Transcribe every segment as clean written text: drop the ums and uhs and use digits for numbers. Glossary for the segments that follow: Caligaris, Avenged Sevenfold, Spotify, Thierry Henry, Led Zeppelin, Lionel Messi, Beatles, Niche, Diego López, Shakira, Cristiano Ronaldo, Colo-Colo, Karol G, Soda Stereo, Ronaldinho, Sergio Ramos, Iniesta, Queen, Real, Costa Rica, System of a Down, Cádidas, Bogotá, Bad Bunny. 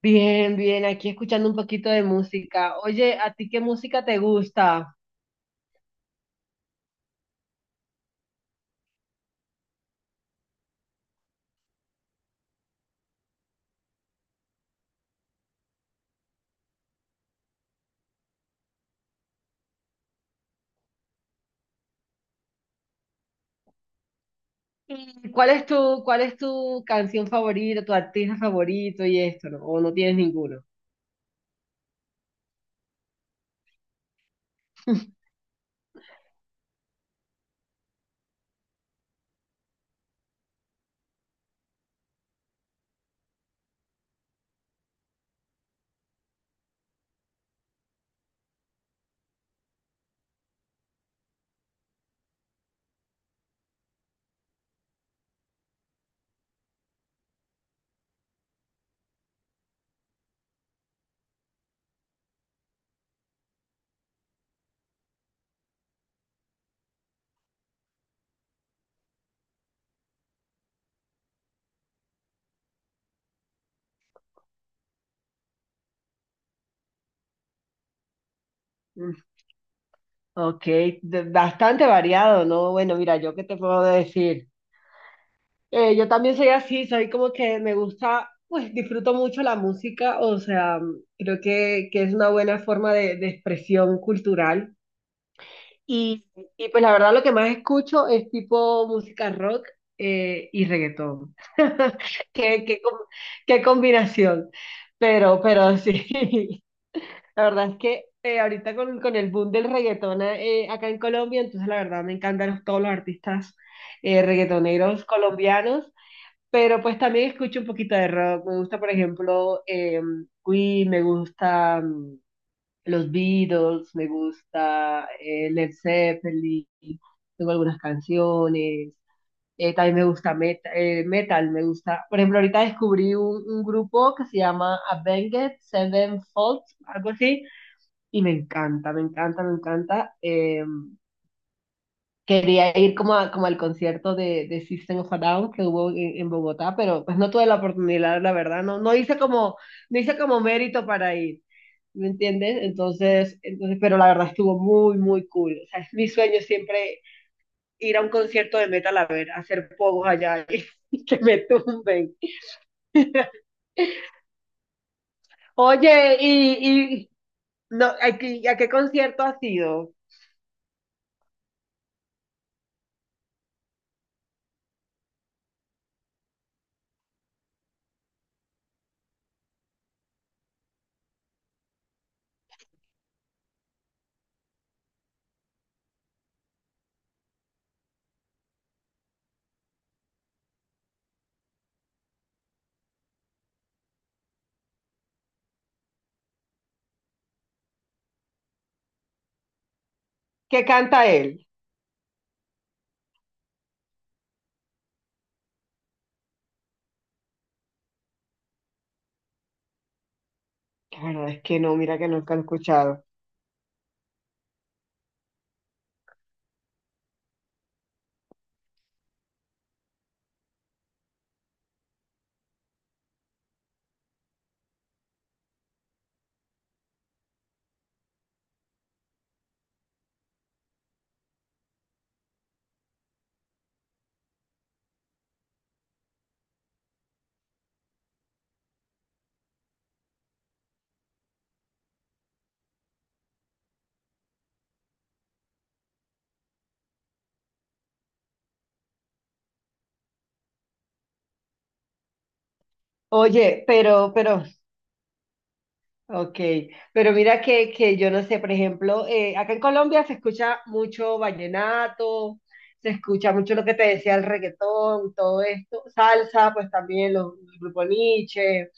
Bien, bien, aquí escuchando un poquito de música. Oye, ¿a ti qué música te gusta? ¿Y cuál es tu canción favorita, tu artista favorito y esto, no? ¿O no tienes ninguno? Mm. Ok, bastante variado, ¿no? Bueno, mira, yo qué te puedo decir. Yo también soy así, soy como que me gusta, pues disfruto mucho la música, o sea, creo que es una buena forma de expresión cultural. Y, y pues la verdad lo que más escucho es tipo música rock y reggaetón. Qué, qué, com- qué combinación. Pero sí, la verdad es que ahorita con el boom del reggaetón acá en Colombia, entonces la verdad me encantan todos los artistas reggaetoneros colombianos, pero pues también escucho un poquito de rock. Me gusta, por ejemplo, Queen, me gusta... mm, los Beatles, me gusta Led Zeppelin, tengo algunas canciones, también me gusta metal. Me gusta, por ejemplo, ahorita descubrí un grupo que se llama Avenged Sevenfold, algo así, y me encanta, me encanta, me encanta. Quería ir como, como al concierto de System of a Down que hubo en Bogotá, pero pues no tuve la oportunidad, la verdad, no, no hice como, no hice como mérito para ir, ¿me entiendes? Pero la verdad estuvo muy, muy cool. O sea, es mi sueño siempre ir a un concierto de metal a ver, a hacer pogos allá y que me tumben. Oye, y no, ¿a a qué concierto has ido? ¿Qué canta él? La verdad es que no, mira que nunca he escuchado. Oye, pero Ok, pero mira que yo no sé, por ejemplo, acá en Colombia se escucha mucho vallenato, se escucha mucho lo que te decía el reggaetón, todo esto, salsa, pues también los grupos Niche,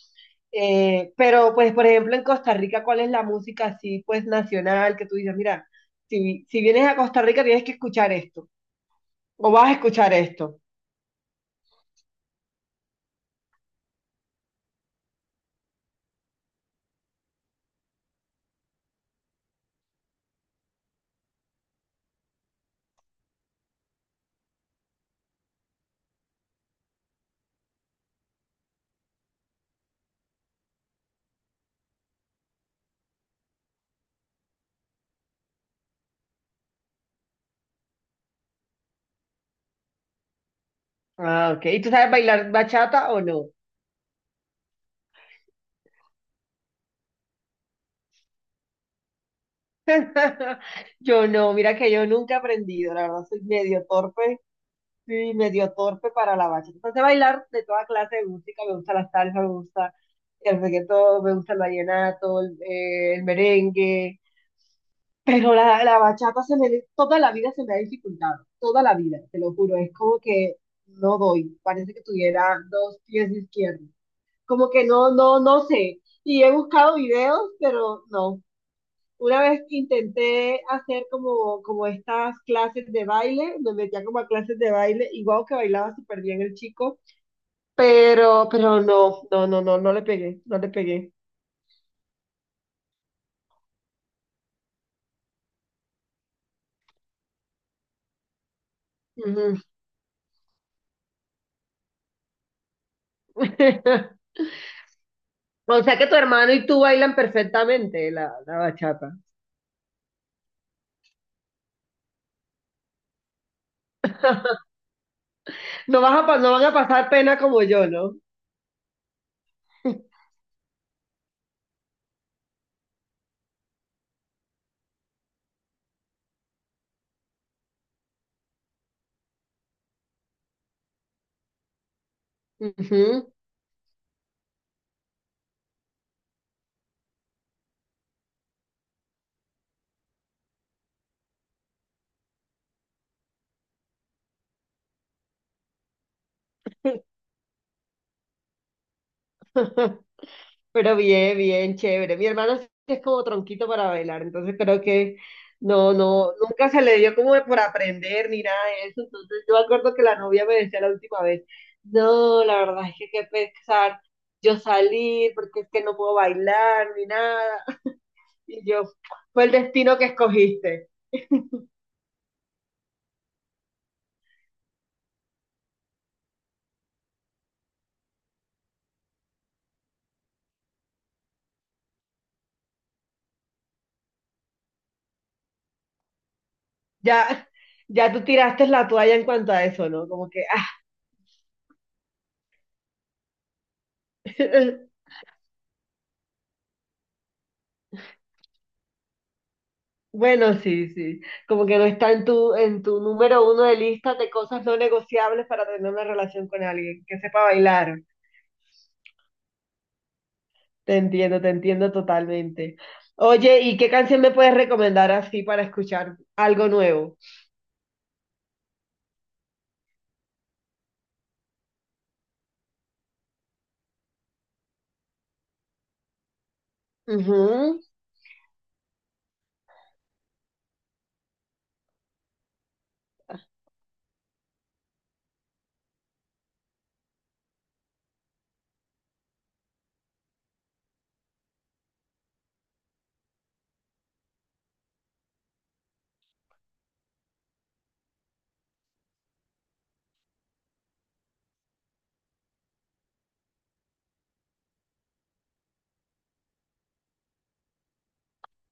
pero pues por ejemplo en Costa Rica, ¿cuál es la música así pues nacional que tú dices, mira, si, si vienes a Costa Rica tienes que escuchar esto, o vas a escuchar esto? Ah, ok, ¿y tú sabes bailar bachata o no? Yo no, mira que yo nunca he aprendido, la verdad soy medio torpe, sí, medio torpe para la bachata. Entonces bailar de toda clase de música, me gusta la salsa, me gusta el reggaetón, me gusta el vallenato, el merengue, pero la bachata se me, toda la vida se me ha dificultado, toda la vida, te lo juro, es como que no doy, parece que tuviera dos pies izquierdos, como que no, no, no sé, y he buscado videos, pero no. Una vez intenté hacer como, como estas clases de baile, me metía como a clases de baile, igual que bailaba súper bien el chico, pero no, no, no, no, no le pegué, no le pegué. Ujú. O sea que tu hermano y tú bailan perfectamente la bachata. No vas a, no van a pasar pena como yo, ¿no? Ujú. Pero bien, bien, chévere. Mi hermano sí es como tronquito para bailar, entonces creo que no, no, nunca se le dio como de por aprender ni nada de eso. Entonces yo me acuerdo que la novia me decía la última vez, no, la verdad es que qué pesar yo salir porque es que no puedo bailar ni nada. Y yo, fue el destino que escogiste. Ya, ya tú tiraste la toalla en cuanto a eso, ¿no? Como que, ah. Bueno, sí, sí. Como que no está en tu número uno de listas de cosas no negociables para tener una relación con alguien que sepa bailar. Te entiendo totalmente. Oye, ¿y qué canción me puedes recomendar así para escuchar algo nuevo? Ujú.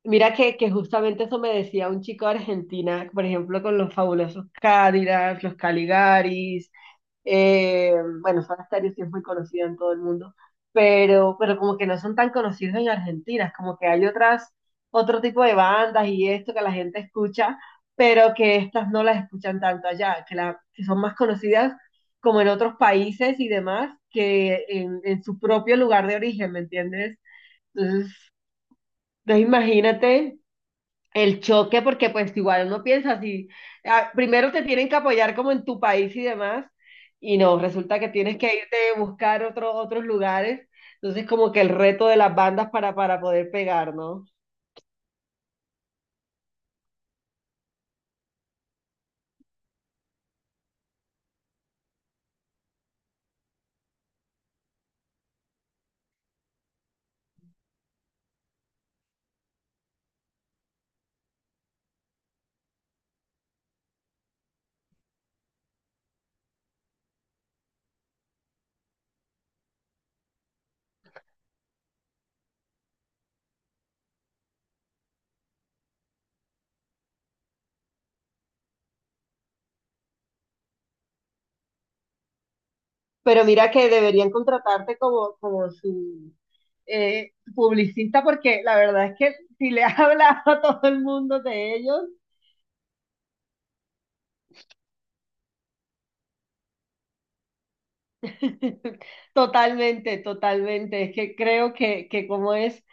Mira que justamente eso me decía un chico de Argentina, por ejemplo, con los fabulosos Cádidas, los Caligaris, Eh, bueno, Soda Stereo sí es muy conocida en todo el mundo, pero como que no son tan conocidos en Argentina, es como que hay otras, otro tipo de bandas y esto que la gente escucha, pero que estas no las escuchan tanto allá, que, la, que son más conocidas como en otros países y demás que en su propio lugar de origen, ¿me entiendes? Entonces, pues imagínate el choque, porque pues igual uno piensa así, ah, primero te tienen que apoyar como en tu país y demás, y no, resulta que tienes que irte a buscar otros lugares, entonces como que el reto de las bandas para poder pegar, ¿no? Pero mira que deberían contratarte como, como su publicista, porque la verdad es que si le has hablado a todo el mundo de ellos, totalmente, totalmente, es que creo que como es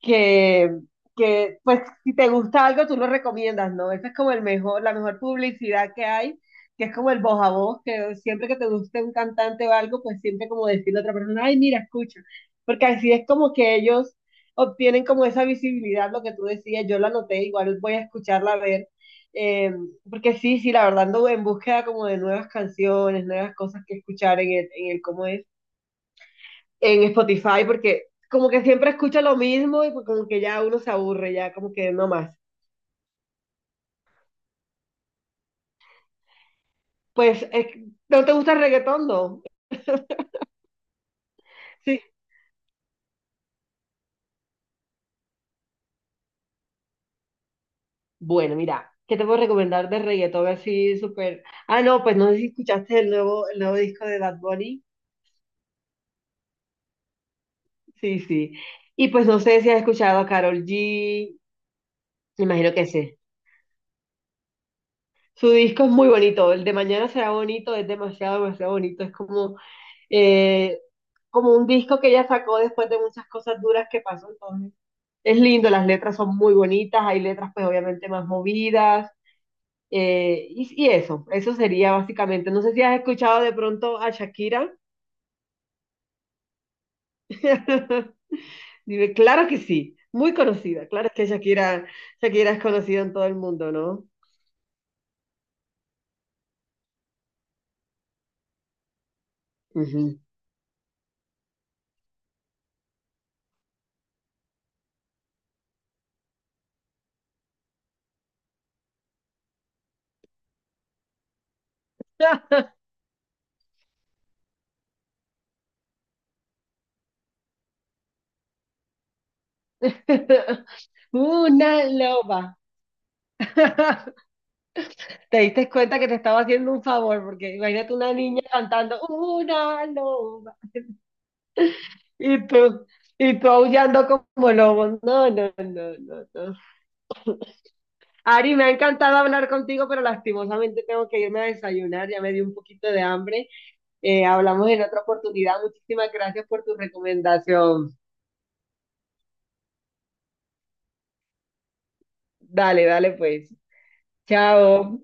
que, que pues si te gusta algo tú lo recomiendas, ¿no? Esa es como el mejor, la mejor publicidad que hay, que es como el voz a voz, que siempre que te guste un cantante o algo, pues siempre como decirle a otra persona, ay, mira, escucha, porque así es como que ellos obtienen como esa visibilidad, lo que tú decías, yo la noté, igual voy a escucharla a ver, eh, porque sí, sí, la verdad ando en búsqueda como de nuevas canciones, nuevas cosas que escuchar en el cómo es en Spotify porque como que siempre escucho lo mismo y pues como que ya uno se aburre, ya como que no más. Pues, es ¿no te gusta el reggaetón? No. Sí. Bueno, mira, ¿qué te puedo recomendar de reggaetón así súper? Ah, no, pues no sé si escuchaste el nuevo disco de Bad Bunny. Sí, sí. Y pues no sé si has escuchado a Karol G, me imagino que sí. Su disco es muy bonito, el de mañana será bonito, es demasiado, demasiado bonito. Es como, eh, como un disco que ella sacó después de muchas cosas duras que pasó, entonces es lindo, las letras son muy bonitas, hay letras pues obviamente más movidas, y eso sería básicamente. No sé si has escuchado de pronto a Shakira. Dime, claro que sí, muy conocida, claro que Shakira, Shakira es conocida en todo el mundo, ¿no? Ujú. Una loba. Te diste cuenta que te estaba haciendo un favor, porque imagínate una niña cantando una loba. Y tú, y tú aullando como lobo. No, no, no, no, no. Ari, me ha encantado hablar contigo, pero lastimosamente tengo que irme a desayunar, ya me dio un poquito de hambre. Hablamos en otra oportunidad. Muchísimas gracias por tu recomendación. Dale, dale pues. Chao.